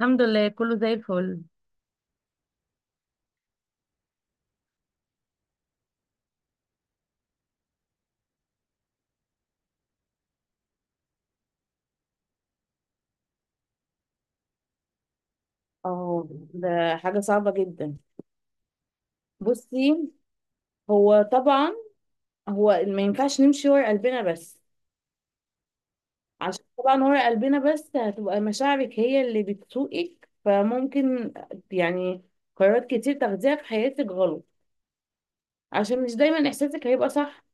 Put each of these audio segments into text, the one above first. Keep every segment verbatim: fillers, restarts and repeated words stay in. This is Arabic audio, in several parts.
الحمد لله كله زي الفل. اه، ده حاجة صعبة جدا. بصي، هو طبعا هو ما ينفعش نمشي ورا قلبنا بس، عشان طبعا ورا قلبنا بس هتبقى مشاعرك هي اللي بتسوقك، فممكن يعني قرارات كتير تاخديها في حياتك غلط عشان مش دايما احساسك هيبقى صح.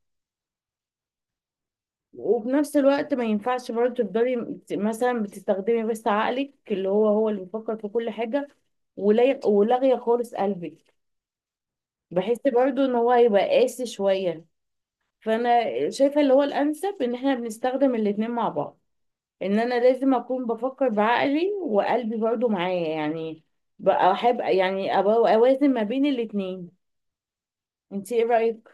وفي نفس الوقت ما ينفعش برضه تفضلي بت- مثلا بتستخدمي بس عقلك اللي هو هو اللي بيفكر في كل حاجة ولا- ولاغية خالص قلبك. بحس برضو ان هو هيبقى قاسي شوية. فانا شايفة اللي هو الانسب ان احنا بنستخدم الاتنين مع بعض، ان انا لازم اكون بفكر بعقلي وقلبي برضو معايا، يعني بقى احب يعني أبقى اوازن ما بين الاتنين. انتي ايه رأيك؟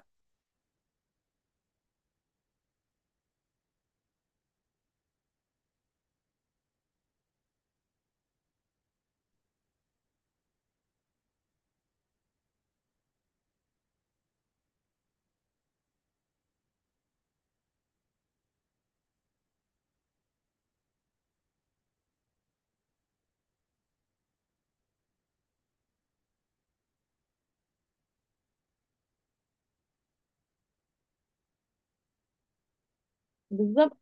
بالظبط.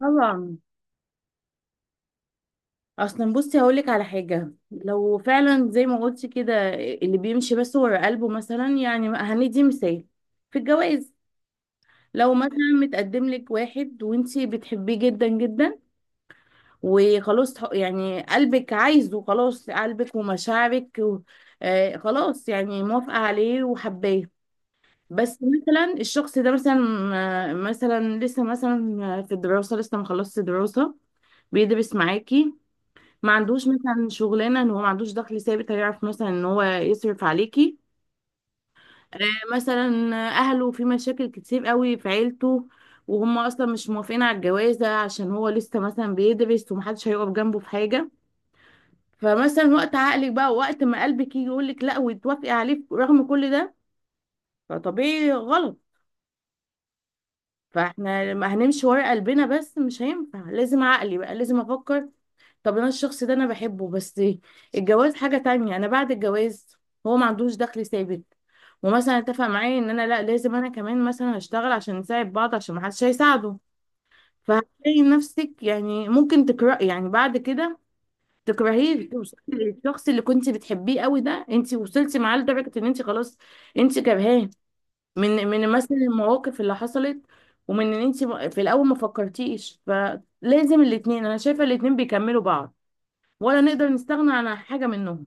طبعا. اصلا بصي هقولك على حاجه، لو فعلا زي ما قلتي كده اللي بيمشي بس ورا قلبه، مثلا يعني هندي مثال في الجواز. لو مثلا متقدم لك واحد وانتي بتحبيه جدا جدا، وخلاص تح- يعني قلبك عايزه، خلاص قلبك ومشاعرك و... آه خلاص يعني موافقة عليه وحباه. بس مثلا الشخص ده مثلا آه، مثلا لسه مثلا في الدراسة، لسه ما خلصش دراسة، بيدرس معاكي، ما عندوش مثلا شغلانة، ان هو ما عندوش دخل ثابت هيعرف مثلا ان هو يصرف عليكي. آه، مثلا اهله في مشاكل كتير قوي في عيلته، وهم اصلا مش موافقين على الجوازة عشان هو لسه مثلا بيدرس ومحدش هيقف جنبه في حاجة. فمثلا وقت عقلك بقى، وقت ما قلبك يجي يقول لك لا وتوافقي عليه رغم كل ده، فطبيعي غلط. فاحنا لما هنمشي ورا قلبنا بس مش هينفع، لازم عقلي بقى، لازم افكر. طب انا الشخص ده انا بحبه، بس الجواز حاجة تانية. انا بعد الجواز هو ما عندوش دخل ثابت، ومثلا اتفق معايا ان انا لا لازم انا كمان مثلا اشتغل عشان نساعد بعض عشان ما حدش هيساعده. فهتلاقي نفسك يعني ممكن تكره يعني بعد كده، تكرهيه، توصلي للشخص اللي كنت بتحبيه قوي ده انت وصلتي معاه لدرجه ان انت خلاص انت كرهاه من من مثلا المواقف اللي حصلت ومن ان انت في الاول ما فكرتيش. فلازم الاتنين، انا شايفه الاتنين بيكملوا بعض ولا نقدر نستغنى عن حاجه منهم.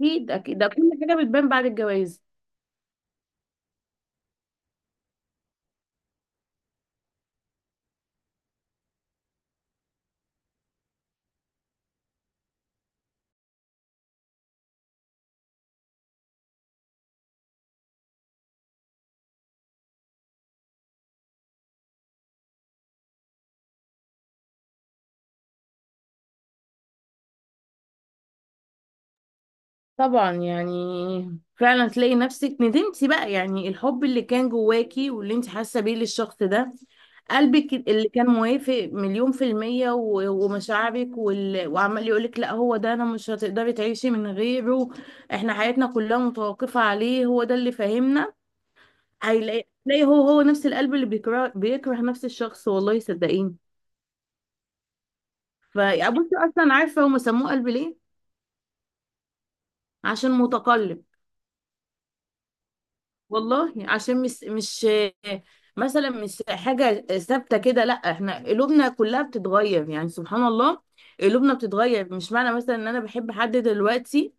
اكيد اكيد ده كل حاجه بتبان بعد الجواز. طبعا، يعني فعلا تلاقي نفسك ندمتي بقى، يعني الحب اللي كان جواكي واللي انت حاسه بيه للشخص ده، قلبك اللي كان موافق مليون في المية و- ومشاعرك وال... وعمال يقولك لا هو ده، انا مش هتقدري تعيشي من غيره، احنا حياتنا كلها متوقفة عليه، هو ده اللي فاهمنا. هيلاقي تلاقي هو هو نفس القلب اللي بيكره بيكره نفس الشخص، والله صدقيني. فبصي اصلا عارفة هم سموه قلب ليه؟ عشان متقلب، والله عشان مش مش مثلا مش حاجة ثابتة كده، لا احنا قلوبنا كلها بتتغير، يعني سبحان الله قلوبنا بتتغير. مش معنى مثلا ان انا بحب حد دلوقتي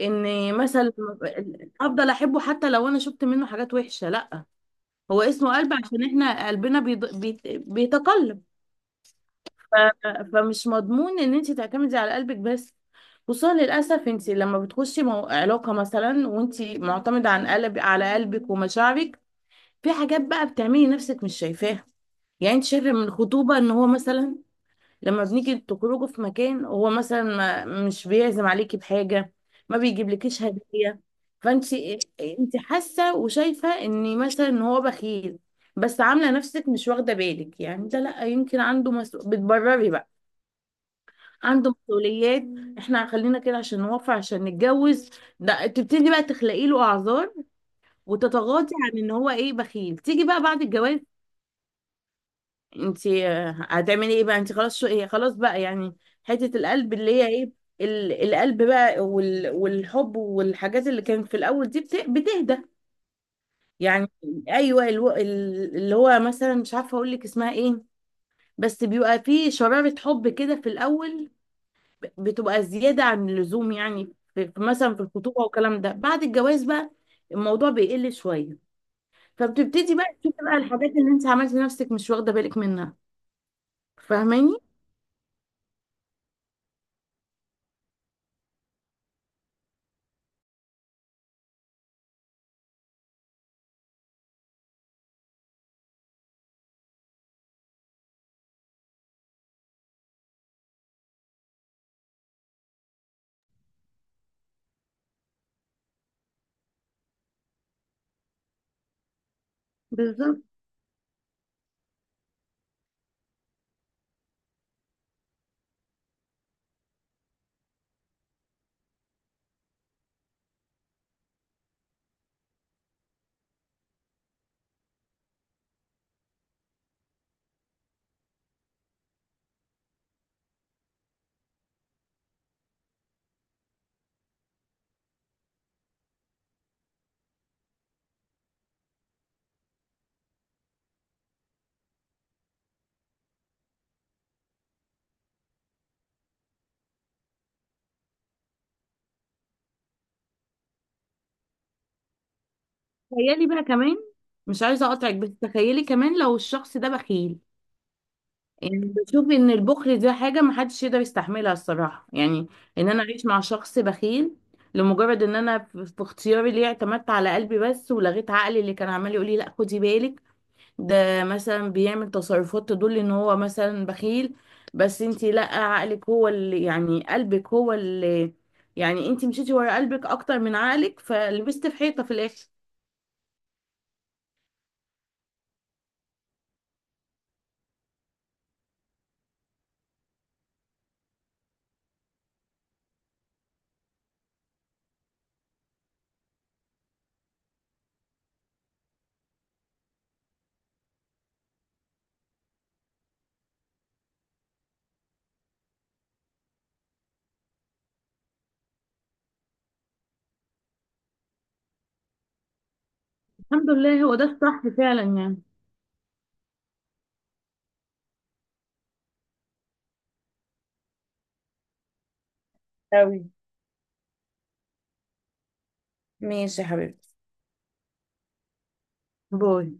ان مثلا افضل احبه، حتى لو انا شفت منه حاجات وحشة لا. هو اسمه قلب عشان احنا قلبنا بيض- بيت- بيتقلب. ف- فمش مضمون ان انت تعتمدي على قلبك بس، خصوصا للاسف انت لما بتخشي مو- علاقة مثلا وانت معتمدة عن قلب على قلبك ومشاعرك، في حاجات بقى بتعملي نفسك مش شايفاها. يعني انت شايفه من الخطوبه ان هو مثلا لما بنيجي تخرجوا في مكان هو مثلا ما مش بيعزم عليكي بحاجه، ما بيجيبلكيش هديه. فانت انت حاسه وشايفه ان مثلا ان هو بخيل، بس عامله نفسك مش واخده بالك. يعني ده لا يمكن عنده مسؤول، بتبرري بقى عنده مسؤوليات، احنا خلينا كده عشان نوفر عشان نتجوز. ده تبتدي بقى تخلقي له اعذار وتتغاضي عن ان هو ايه بخيل. تيجي بقى بعد الجواز انتي آه، هتعملي ايه بقى؟ انتي خلاص، شو ايه خلاص بقى يعني. حتة القلب اللي هي ايه، ال- القلب بقى وال- والحب والحاجات اللي كانت في الاول دي بت- بتهدى يعني. ايوه الو- ال- اللي هو مثلا مش عارفة اقول لك اسمها ايه، بس بيبقى فيه شرارة حب كده في الاول، ب- بتبقى زيادة عن اللزوم، يعني في في- مثلا في الخطوبة والكلام ده. بعد الجواز بقى الموضوع بيقل شوية، فبتبتدي بقى تشوفي بقى الحاجات اللي انت عملتي نفسك مش واخدة بالك منها. فاهماني؟ بالظبط. تخيلي بقى كمان، مش عايزه اقطعك بس تخيلي كمان لو الشخص ده بخيل. يعني بشوف ان البخل ده حاجه محدش يقدر يستحملها الصراحه، يعني ان انا اعيش مع شخص بخيل لمجرد ان انا في في اختياري ليه اعتمدت على قلبي بس ولغيت عقلي اللي كان عمال يقول لي لا خدي بالك، ده مثلا بيعمل تصرفات تدل ان هو مثلا بخيل، بس انتي لا عقلك هو اللي يعني قلبك هو اللي يعني، انتي مشيتي ورا قلبك اكتر من عقلك فلبست في حيطه في الاخر. الحمد لله هو ده الصح فعلا يعني. أوي، ماشي يا حبيبتي، باي.